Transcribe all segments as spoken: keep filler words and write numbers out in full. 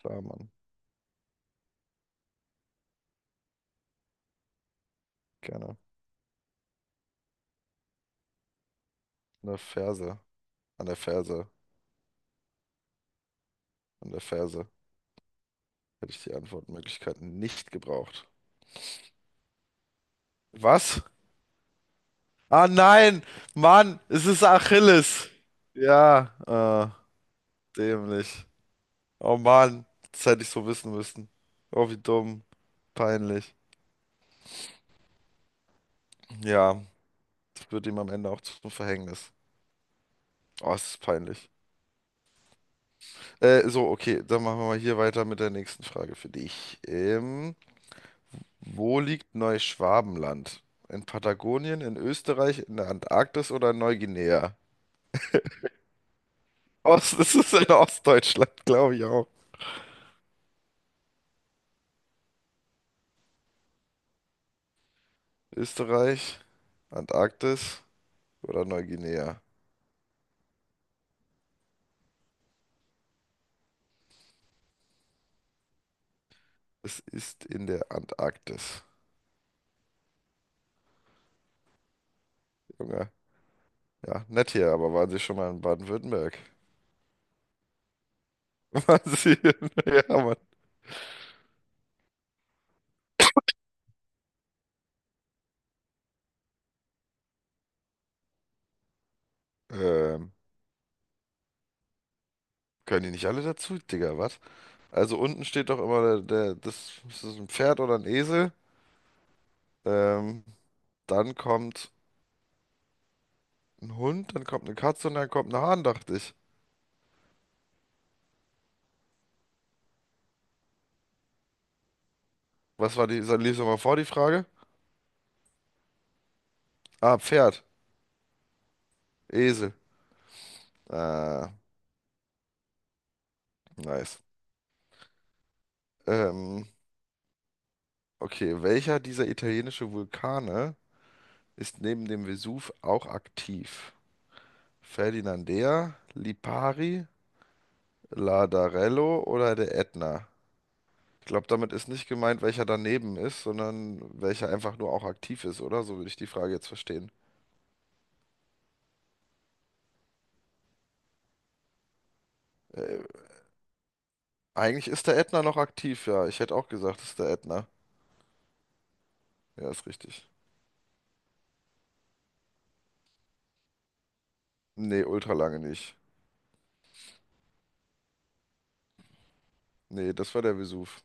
Klar, Mann. Gerne. An der Ferse. An der Ferse. An der Ferse. Hätte ich die Antwortmöglichkeiten nicht gebraucht. Was? Ah nein! Mann, es ist Achilles. Ja, äh, dämlich. Oh Mann, das hätte ich so wissen müssen. Oh, wie dumm. Peinlich. Ja, das wird ihm am Ende auch zum Verhängnis. Oh, es ist peinlich. Äh, so, okay, dann machen wir mal hier weiter mit der nächsten Frage für dich. Ähm, Wo liegt Neuschwabenland? In Patagonien, in Österreich, in der Antarktis oder in Neuguinea? Ost, das ist in Ostdeutschland, glaube ich auch. Österreich, Antarktis oder Neuguinea? Es ist in der Antarktis. Junge. Ja, nett hier, aber waren Sie schon mal in Baden-Württemberg? Waren Sie in... Ja, Mann. Ähm, können die nicht alle dazu, Digga, was? Also unten steht doch immer der, der, das, ist das ein Pferd oder ein Esel? Ähm, dann kommt ein Hund, dann kommt eine Katze und dann kommt ein Hahn, dachte ich. Was war die, lies nochmal vor, die Frage? Ah, Pferd. Esel. Ah, nice. Ähm, okay, welcher dieser italienischen Vulkane ist neben dem Vesuv auch aktiv? Ferdinandea, Lipari, Ladarello oder der Ätna? Ich glaube, damit ist nicht gemeint, welcher daneben ist, sondern welcher einfach nur auch aktiv ist, oder? So würde ich die Frage jetzt verstehen. Äh, eigentlich ist der Ätna noch aktiv, ja. Ich hätte auch gesagt, es ist der Ätna. Ja, ist richtig. Nee, ultra lange nicht. Nee, das war der Vesuv.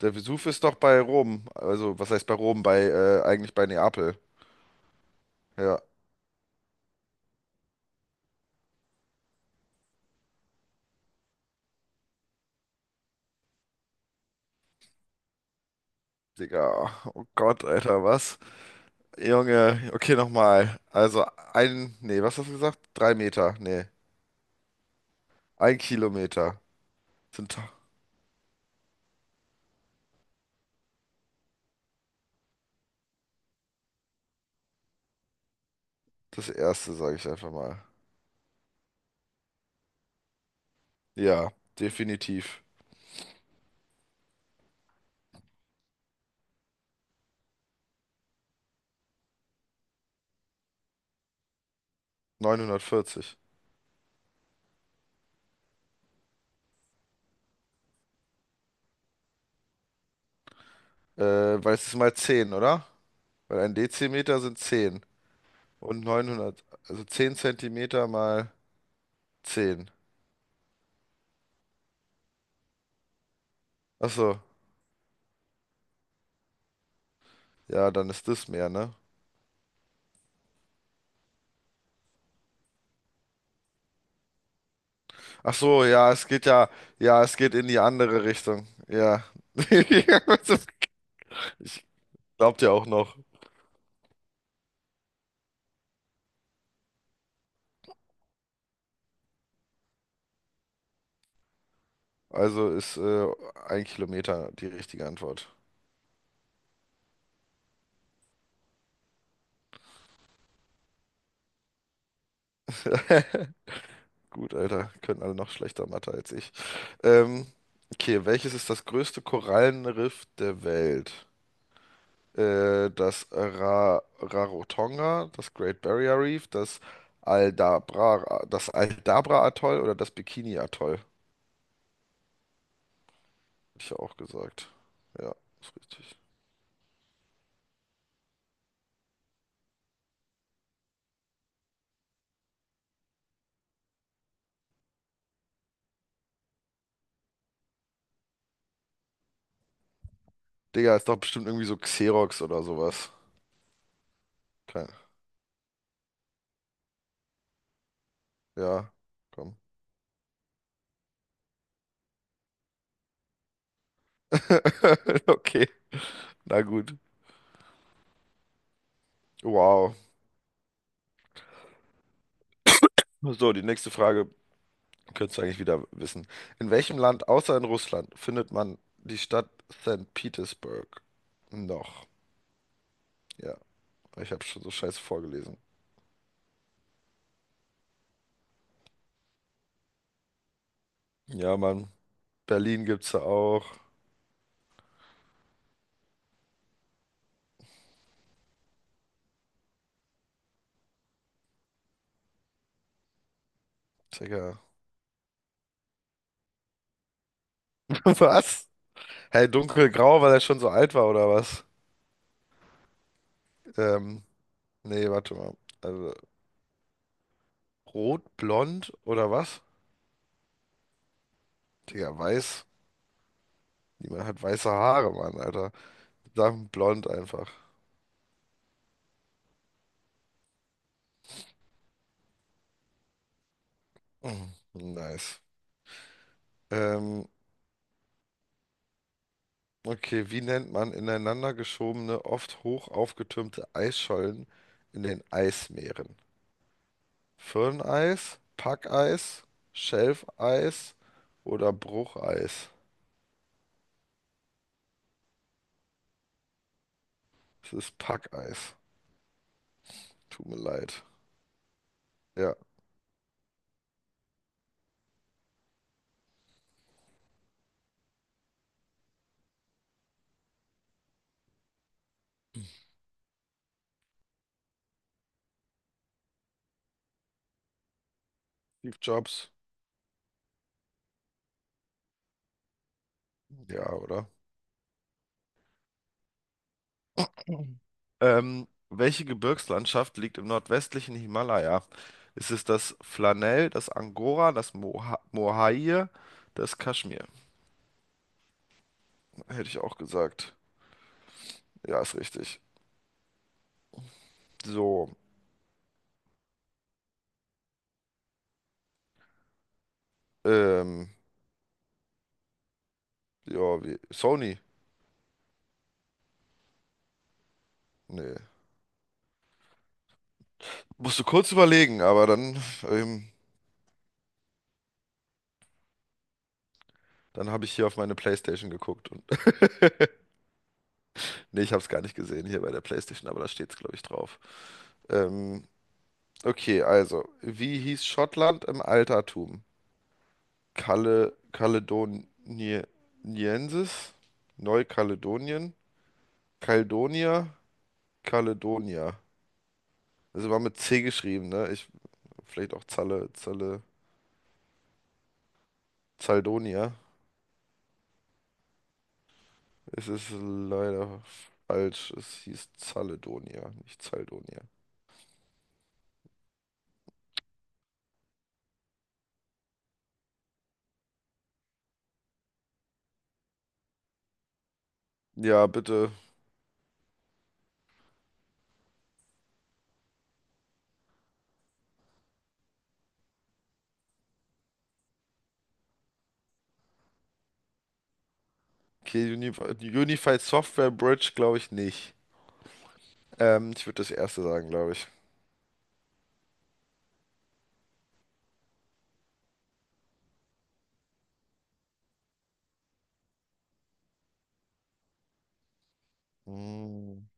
Der Vesuv ist doch bei Rom. Also, was heißt bei Rom? Bei, äh, eigentlich bei Neapel. Ja, Digga. Oh Gott, Alter, was? Junge, okay, nochmal. Also, ein, nee, was hast du gesagt? Drei Meter. Nee, ein Kilometer. Sind das erste, sage ich einfach mal. Ja, definitiv. Neunhundertvierzig. Äh, weil es ist mal zehn, oder? Weil ein Dezimeter sind zehn. Und neunhundert, also zehn Zentimeter mal zehn. Ach so, ja, dann ist das mehr, ne? Ach so, ja, es geht ja, ja, es geht in die andere Richtung. Ja. Ich glaub dir auch noch. Also ist äh, ein Kilometer die richtige Antwort. Gut, Alter, können alle noch schlechter Mathe als ich. Ähm, okay, welches ist das größte Korallenriff der Welt? Äh, das Ra Rarotonga, das Great Barrier Reef, das Aldabra, das Aldabra-Atoll oder das Bikini-Atoll? Hab ich ja auch gesagt. Ja, ist richtig. Digga, ist doch bestimmt irgendwie so Xerox oder sowas. Kein, ja, komm. Okay, na gut. Wow. So, die nächste Frage könntest du eigentlich wieder wissen. In welchem Land außer in Russland findet man die Stadt Sankt Petersburg? Noch. Ja, ich habe schon so scheiße vorgelesen. Ja, Mann. Berlin gibt's ja auch. Digga. Was? Hey, dunkelgrau, weil er schon so alt war oder was? Ähm, nee, warte mal. Also, Rot, blond oder was? Digga, weiß. Niemand hat weiße Haare, Mann, Alter. Sagen blond einfach. Mhm. Nice. Ähm, okay, wie nennt man ineinander geschobene, oft hoch aufgetürmte Eisschollen in den Eismeeren? Firneis, Packeis, Schelfeis oder Brucheis? Es ist Packeis. Tut mir leid. Ja, Steve Jobs. Ja, oder? Mhm. Ähm, welche Gebirgslandschaft liegt im nordwestlichen Himalaya? Ist es das Flanell, das Angora, das Moha Mohair, das Kaschmir? Hätte ich auch gesagt. Ja, ist richtig. So, ähm, ja, wie, Sony? Nee. Musste kurz überlegen, aber dann, ähm, dann habe ich hier auf meine PlayStation geguckt und, nee, ich habe es gar nicht gesehen hier bei der PlayStation, aber da steht es, glaube ich, drauf. Ähm, okay, also, wie hieß Schottland im Altertum? Kale, Kaledoniensis, Neukaledonien, Kaledonia, Kaledonia. Also war mit C geschrieben, ne? Ich, vielleicht auch Zalle, Zalle, Zaldonia. Es ist leider falsch. Es hieß Zaledonia, nicht Zaldonia. Ja, bitte. Okay, Unified, Unified Software Bridge glaube ich nicht. Ähm, ich würde das erste sagen, glaube ich. Mm.